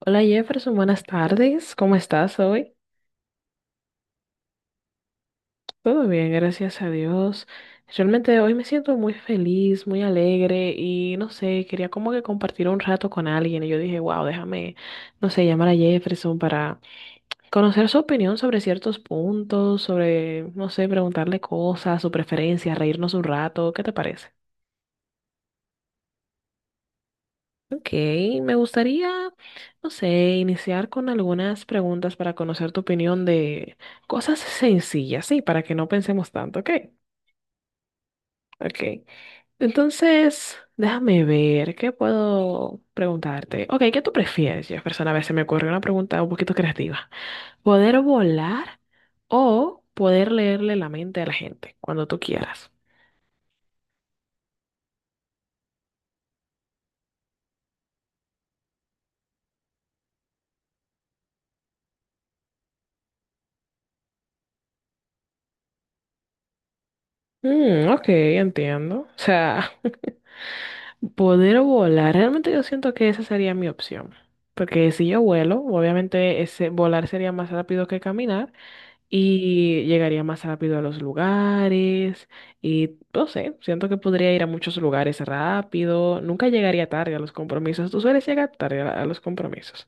Hola Jefferson, buenas tardes. ¿Cómo estás hoy? Todo bien, gracias a Dios. Realmente hoy me siento muy feliz, muy alegre y no sé, quería como que compartir un rato con alguien y yo dije, wow, déjame, no sé, llamar a Jefferson para conocer su opinión sobre ciertos puntos, sobre, no sé, preguntarle cosas, su preferencia, reírnos un rato. ¿Qué te parece? Ok, me gustaría, no sé, iniciar con algunas preguntas para conocer tu opinión de cosas sencillas, sí, para que no pensemos tanto, ok, ok. Entonces, déjame ver, ¿qué puedo preguntarte? Ok, ¿qué tú prefieres, Jefferson? A ver, se me ocurrió una pregunta un poquito creativa. ¿Poder volar o poder leerle la mente a la gente cuando tú quieras? Mm, ok, entiendo. O sea... Poder volar, realmente yo siento que esa sería mi opción. Porque si yo vuelo, obviamente ese volar sería más rápido que caminar y llegaría más rápido a los lugares y no sé, siento que podría ir a muchos lugares rápido, nunca llegaría tarde a los compromisos. Tú sueles llegar tarde a los compromisos.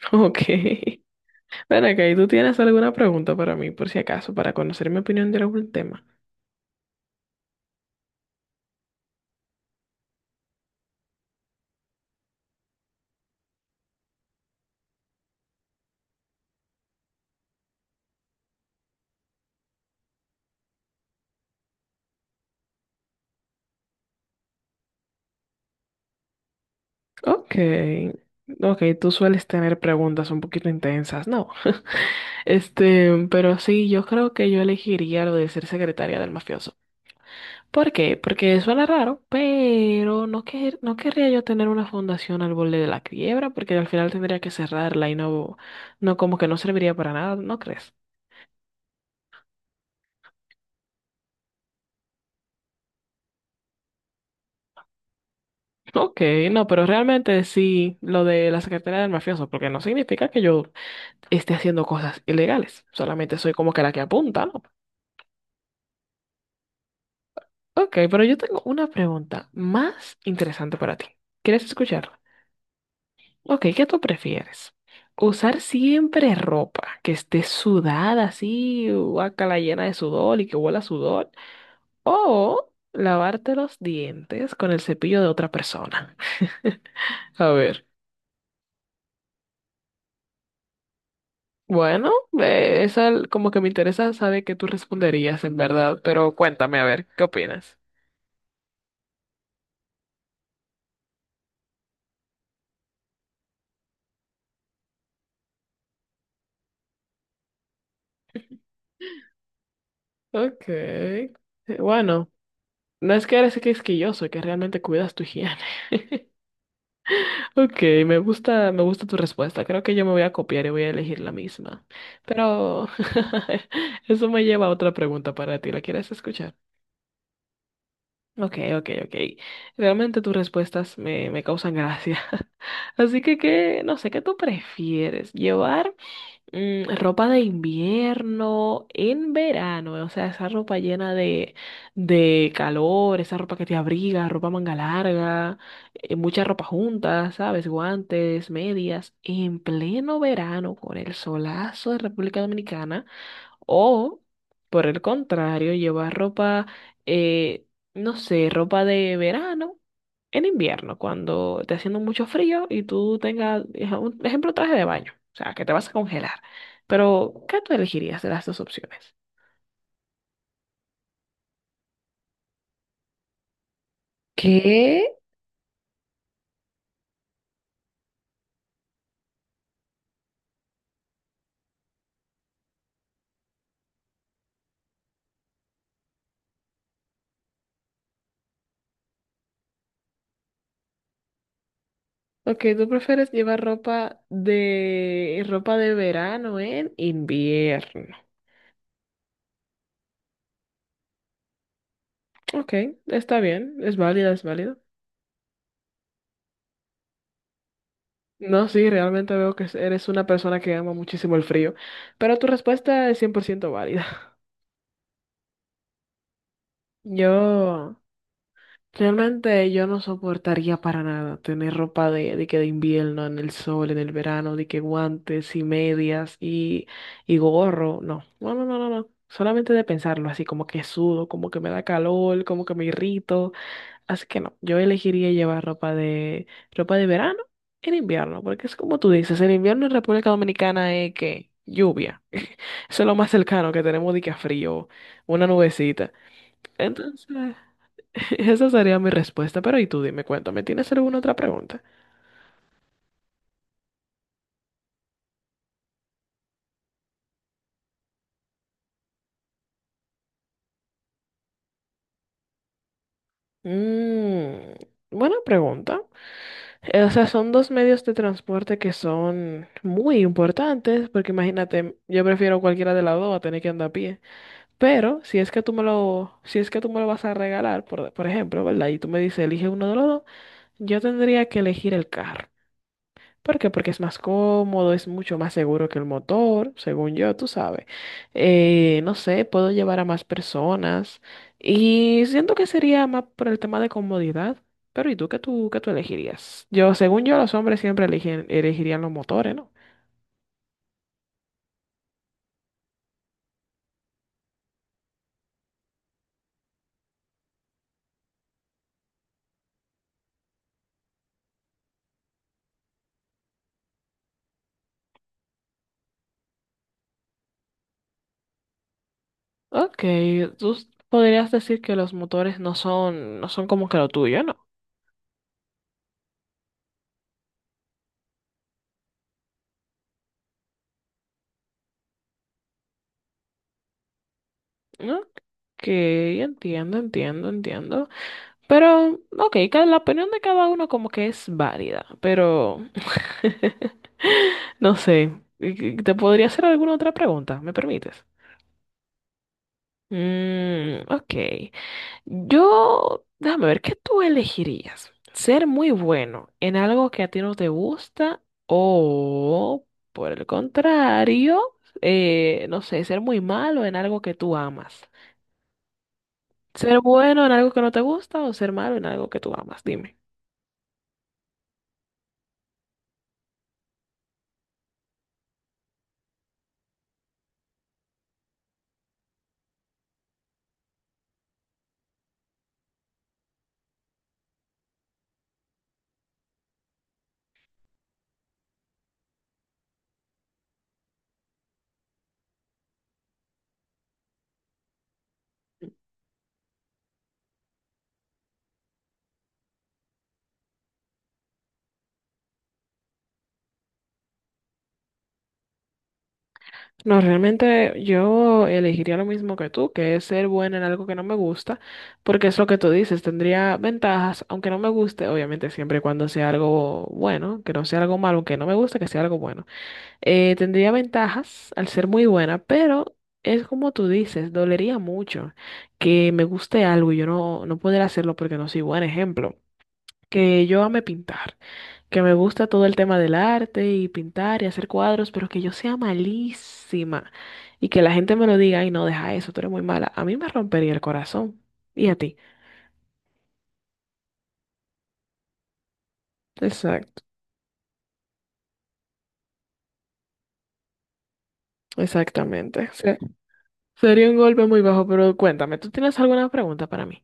Ok. Ven acá, ¿y tú tienes alguna pregunta para mí, por si acaso, para conocer mi opinión de algún tema? Ok, ok, tú sueles tener preguntas un poquito intensas, ¿no? Este, pero sí, yo creo que yo elegiría lo de ser secretaria del mafioso. ¿Por qué? Porque suena raro, pero no, no querría yo tener una fundación al borde de la quiebra, porque al final tendría que cerrarla y no, no como que no serviría para nada, ¿no crees? Ok, no, pero realmente sí, lo de la secretaria del mafioso, porque no significa que yo esté haciendo cosas ilegales, solamente soy como que la que apunta, ¿no? Ok, pero yo tengo una pregunta más interesante para ti. ¿Quieres escucharla? Ok, ¿qué tú prefieres? ¿Usar siempre ropa que esté sudada así, guácala llena de sudor y que huela a sudor? ¿O lavarte los dientes con el cepillo de otra persona? A ver. Bueno, como que me interesa saber qué tú responderías en verdad, pero cuéntame a ver, ¿qué opinas? Ok. Bueno. No es que eres quisquilloso, que realmente cuidas tu higiene. Ok, me gusta tu respuesta. Creo que yo me voy a copiar y voy a elegir la misma. Pero eso me lleva a otra pregunta para ti. ¿La quieres escuchar? Ok, ok, ok. Realmente tus respuestas me causan gracia. Así que, ¿qué? No sé, ¿qué tú prefieres? ¿Llevar ropa de invierno en verano, o sea, esa ropa llena de calor, esa ropa que te abriga, ropa manga larga, mucha ropa junta, ¿sabes? Guantes, medias, en pleno verano con el solazo de República Dominicana, o por el contrario, llevar ropa, eh, no sé, ropa de verano en invierno, cuando esté haciendo mucho frío y tú tengas, un ejemplo, traje de baño, o sea, que te vas a congelar. Pero, ¿qué tú elegirías de las dos opciones? ¿Qué? Ok, ¿tú prefieres llevar ropa de verano en invierno? Ok, está bien, es válida, es válido. No, sí, realmente veo que eres una persona que ama muchísimo el frío, pero tu respuesta es 100% válida. Yo... Realmente yo no soportaría para nada tener ropa de invierno, en el sol, en el verano, de que guantes y medias y gorro. No, no, no, no, no, no. Solamente de pensarlo, así como que sudo, como que me da calor, como que me irrito. Así que no, yo elegiría llevar ropa de verano en invierno, porque es como tú dices, el invierno en República Dominicana es que lluvia. Eso es lo más cercano que tenemos de que a frío, una nubecita. Entonces, esa sería mi respuesta, pero y tú dime, cuéntame, ¿tienes alguna otra pregunta? Mm, buena pregunta. O sea, son dos medios de transporte que son muy importantes, porque imagínate, yo prefiero cualquiera de las dos a tener que andar a pie. Pero si es que tú me lo, si es que tú me lo vas a regalar, por ejemplo, ¿verdad? Y tú me dices, elige uno de los dos, yo tendría que elegir el carro. ¿Por qué? Porque es más cómodo, es mucho más seguro que el motor, según yo, tú sabes. No sé, puedo llevar a más personas y siento que sería más por el tema de comodidad. Pero ¿y tú qué tú qué tú elegirías? Yo, según yo, los hombres siempre elegirían los motores, ¿no? Ok, podrías decir que los motores no son como que lo tuyo, ¿no? Ok, entiendo, entiendo, entiendo. Pero, ok, la opinión de cada uno como que es válida, pero no sé. ¿Te podría hacer alguna otra pregunta? ¿Me permites? Mm, ok. Yo, déjame ver, ¿qué tú elegirías? ¿Ser muy bueno en algo que a ti no te gusta o, por el contrario, no sé, ser muy malo en algo que tú amas? ¿Ser bueno en algo que no te gusta o ser malo en algo que tú amas? Dime. No, realmente yo elegiría lo mismo que tú, que es ser buena en algo que no me gusta, porque es lo que tú dices, tendría ventajas, aunque no me guste, obviamente siempre y cuando sea algo bueno, que no sea algo malo, aunque no me guste, que sea algo bueno. Tendría ventajas al ser muy buena, pero es como tú dices, dolería mucho que me guste algo y yo no, no poder hacerlo porque no soy buen ejemplo. Que yo ame pintar, que me gusta todo el tema del arte y pintar y hacer cuadros, pero que yo sea malísima y que la gente me lo diga, ay, no, deja eso, tú eres muy mala. A mí me rompería el corazón. ¿Y a ti? Exacto, exactamente. Sería un golpe muy bajo, pero cuéntame, ¿tú tienes alguna pregunta para mí?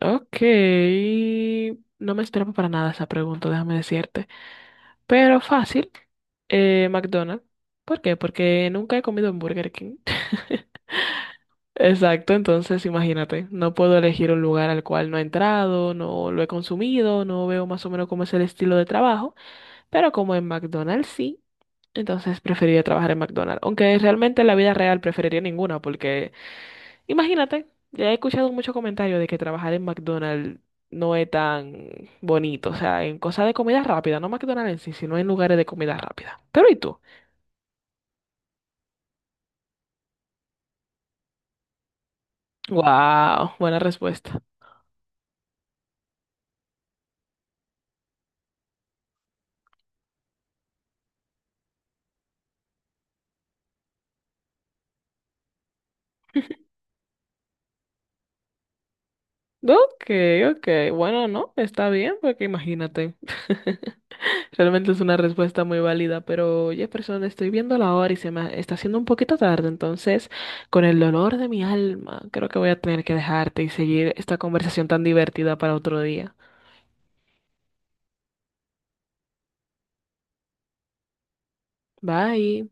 Ok, no me esperaba para nada esa pregunta, déjame decirte. Pero fácil, McDonald's. ¿Por qué? Porque nunca he comido en Burger King. Exacto, entonces imagínate, no puedo elegir un lugar al cual no he entrado, no lo he consumido, no veo más o menos cómo es el estilo de trabajo, pero como en McDonald's sí, entonces preferiría trabajar en McDonald's, aunque realmente en la vida real preferiría ninguna, porque imagínate, ya he escuchado muchos comentarios de que trabajar en McDonald's no es tan bonito, o sea, en cosas de comida rápida, no McDonald's en sí, sino en lugares de comida rápida. Pero ¿y tú? Wow, buena respuesta. Ok, ok. Bueno, no, está bien, porque imagínate. Realmente es una respuesta muy válida, pero Jefferson, estoy viendo la hora y se me está haciendo un poquito tarde, entonces, con el dolor de mi alma, creo que voy a tener que dejarte y seguir esta conversación tan divertida para otro día. Bye.